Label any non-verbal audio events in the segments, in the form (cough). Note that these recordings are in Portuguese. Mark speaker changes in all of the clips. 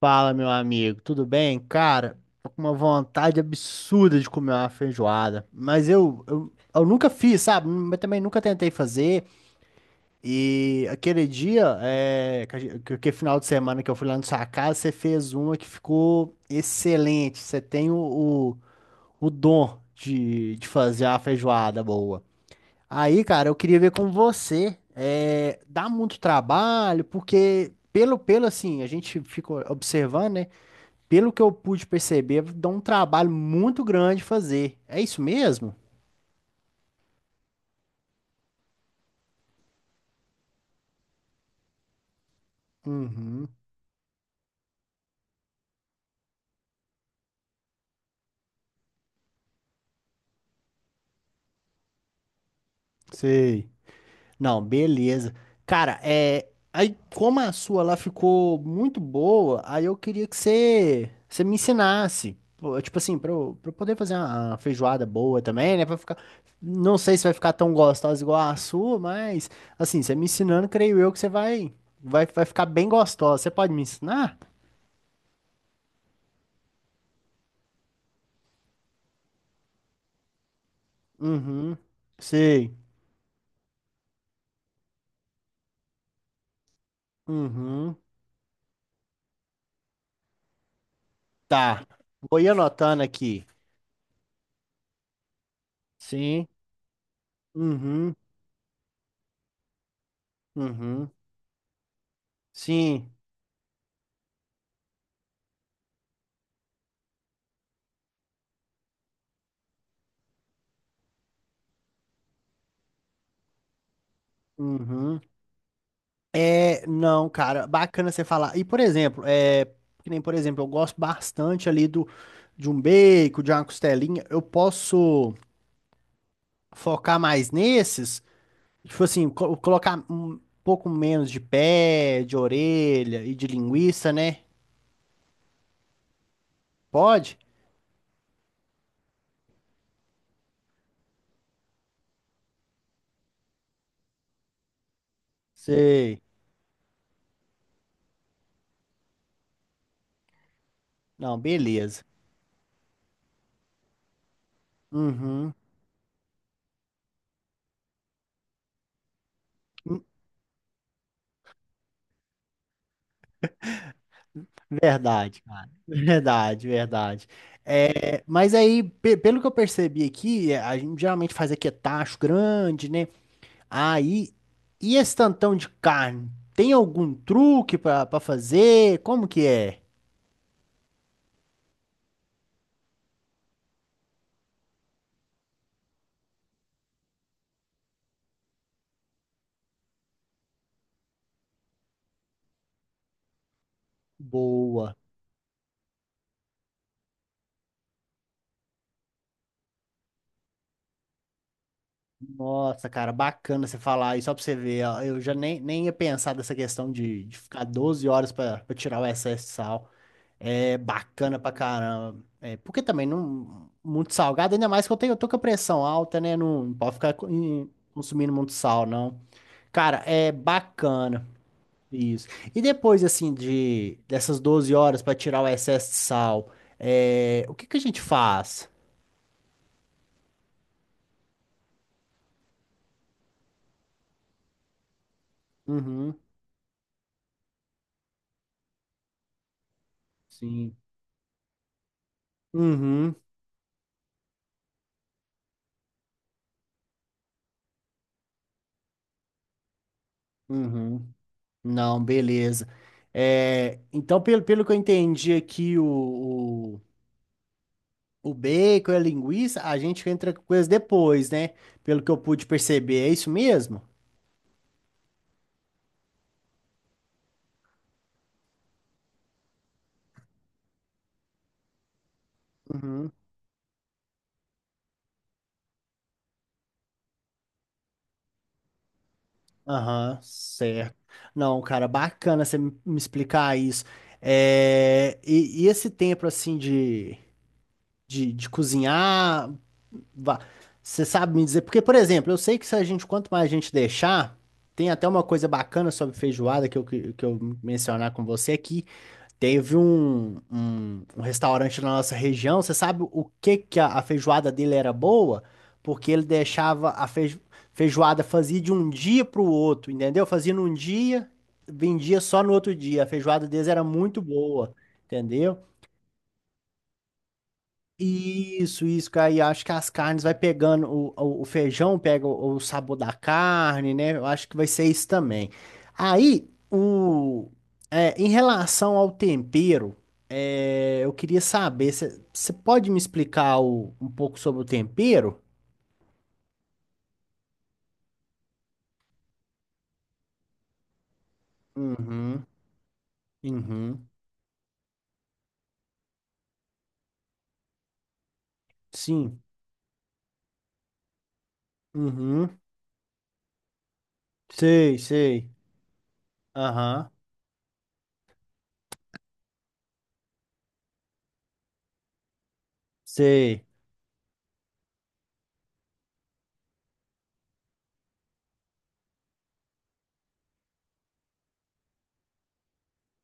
Speaker 1: Fala, meu amigo, tudo bem? Cara, tô com uma vontade absurda de comer uma feijoada, mas eu nunca fiz, sabe? Mas também nunca tentei fazer. E aquele dia, que final de semana que eu fui lá na sua casa, você fez uma que ficou excelente. Você tem o, o dom de fazer uma feijoada boa. Aí, cara, eu queria ver com você. É, dá muito trabalho, porque pelo assim, a gente fica observando, né? Pelo que eu pude perceber, dá um trabalho muito grande fazer. É isso mesmo? Uhum, sei. Não, beleza. Cara, é. Aí, como a sua lá ficou muito boa, aí eu queria que você me ensinasse. Pô, tipo assim, pra eu poder fazer uma feijoada boa também, né? Pra ficar. Não sei se vai ficar tão gostosa igual a sua, mas, assim, você me ensinando, creio eu que você vai ficar bem gostosa. Você pode me ensinar? Uhum, sei. Uhum. Tá. Vou ir anotando aqui. Sim. Uhum. Uhum. Sim. Uhum. É, não, cara, bacana você falar. E, por exemplo, é, que nem, por exemplo, eu gosto bastante ali de um bacon, de uma costelinha. Eu posso focar mais nesses, tipo assim, colocar um pouco menos de pé, de orelha e de linguiça, né? Pode? Sei. Não, beleza. Uhum. Verdade, cara. (laughs) Verdade, verdade. É, mas aí, pelo que eu percebi aqui, é, a gente geralmente faz aqui é tacho grande, né? Aí, e esse tantão de carne? Tem algum truque pra fazer? Como que é? Boa. Nossa, cara, bacana você falar aí, só pra você ver. Ó, eu já nem ia pensar dessa questão de ficar 12 horas pra tirar o excesso de sal. É bacana pra caramba. É, porque também não muito salgado, ainda mais que eu tenho, eu tô com a pressão alta, né? Não, não pode ficar consumindo muito sal, não. Cara, é bacana isso. E depois assim de dessas 12 horas pra tirar o excesso de sal, é, o que que a gente faz? Uhum, sim. Uhum, uhum. Não, beleza. É, então, pelo que eu entendi aqui, o bacon e a linguiça, a gente entra com coisas depois, né? Pelo que eu pude perceber, é isso mesmo? Uhum. Aham, certo. Não, cara, bacana você me explicar isso. E esse tempo, assim, de cozinhar, va- você sabe me dizer? Porque, por exemplo, eu sei que se a gente, quanto mais a gente deixar, tem até uma coisa bacana sobre feijoada que que eu mencionar com você aqui, teve um restaurante na nossa região. Você sabe o que que a feijoada dele era boa? Porque ele deixava a feijoada, fazia de um dia para o outro, entendeu? Fazia num dia, vendia só no outro dia. A feijoada deles era muito boa, entendeu? Isso, cara. E acho que as carnes vai pegando, o feijão pega o sabor da carne, né? Eu acho que vai ser isso também. Aí, o, é, em relação ao tempero, é, eu queria saber, você pode me explicar um pouco sobre o tempero? Uhum, uhum, sim, uhum, sei, sei, aham, sei,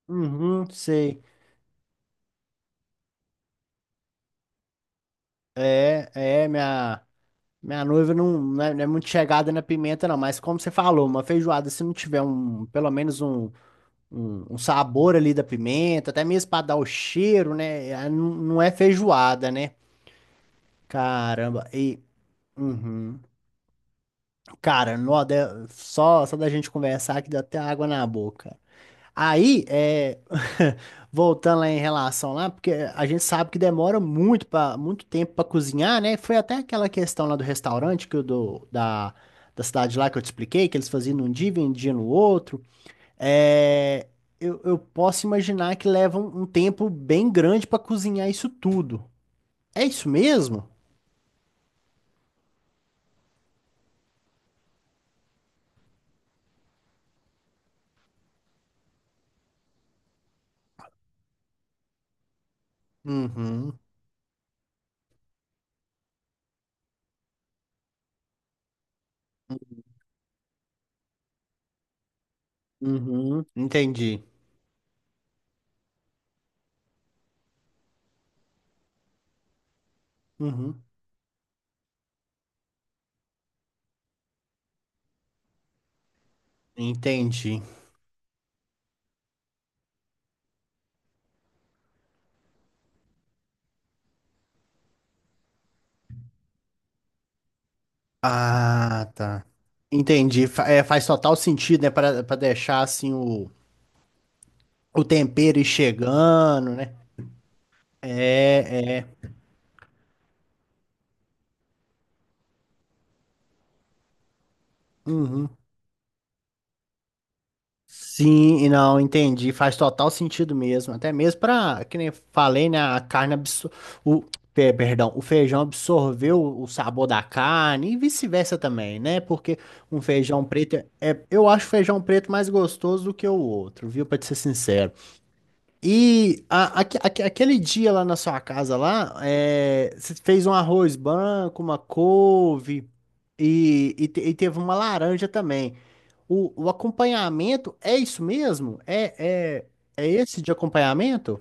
Speaker 1: uhum, sei. É, é, minha. Minha noiva não, não é muito chegada na pimenta, não, mas como você falou, uma feijoada, se não tiver um, pelo menos um sabor ali da pimenta, até mesmo para dar o cheiro, né? Ah, não, não é feijoada, né? Caramba, e. Uhum. Cara, nó, só, só da gente conversar que deu até água na boca. Aí, é, (laughs) voltando lá em relação lá, porque a gente sabe que demora muito para muito tempo para cozinhar, né? Foi até aquela questão lá do restaurante que da cidade lá que eu te expliquei, que eles faziam num dia e vendiam no outro. É, eu posso imaginar que leva um tempo bem grande para cozinhar isso tudo. É isso mesmo? Uhum, uhum, entendi. Uhum, entendi. Ah, tá. Entendi. Faz total sentido, né? Pra deixar assim o tempero ir chegando, né? É, é. Uhum. Sim, e não, entendi. Faz total sentido mesmo. Até mesmo pra, que nem eu falei, né? A carne absor... o, perdão, o feijão absorveu o sabor da carne e vice-versa também, né? Porque um feijão preto é, eu acho o feijão preto mais gostoso do que o outro, viu? Pra te ser sincero. E aquele dia lá na sua casa lá, é, você fez um arroz branco, uma couve e, e teve uma laranja também. O acompanhamento é isso mesmo? É, é, é esse de acompanhamento?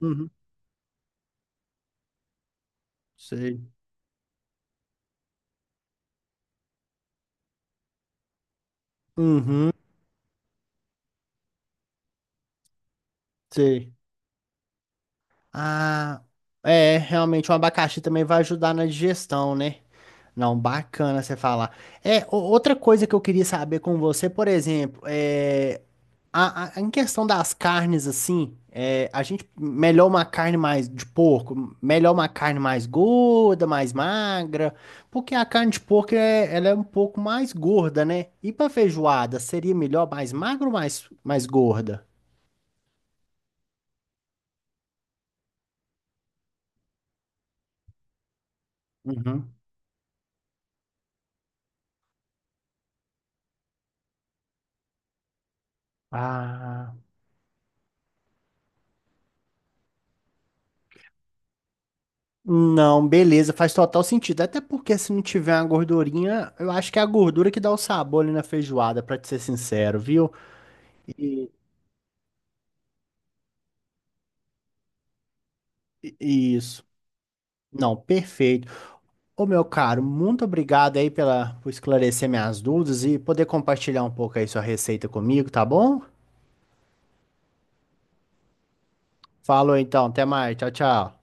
Speaker 1: Uhum, sei. Uhum, sei. Ah, é, realmente o abacaxi também vai ajudar na digestão, né? Não, bacana você falar. É, outra coisa que eu queria saber com você, por exemplo, é, em questão das carnes, assim, é, a gente melhor uma carne mais de porco, melhor uma carne mais gorda, mais magra, porque a carne de porco é, ela é um pouco mais gorda, né? E pra feijoada, seria melhor mais magra ou mais gorda? Uhum. Ah. Não, beleza, faz total sentido. Até porque se não tiver uma gordurinha, eu acho que é a gordura que dá o sabor ali na feijoada, pra te ser sincero, viu? E, e- isso. Não, perfeito. Ô, meu caro, muito obrigado aí pela, por esclarecer minhas dúvidas e poder compartilhar um pouco aí sua receita comigo, tá bom? Falou então, até mais. Tchau, tchau.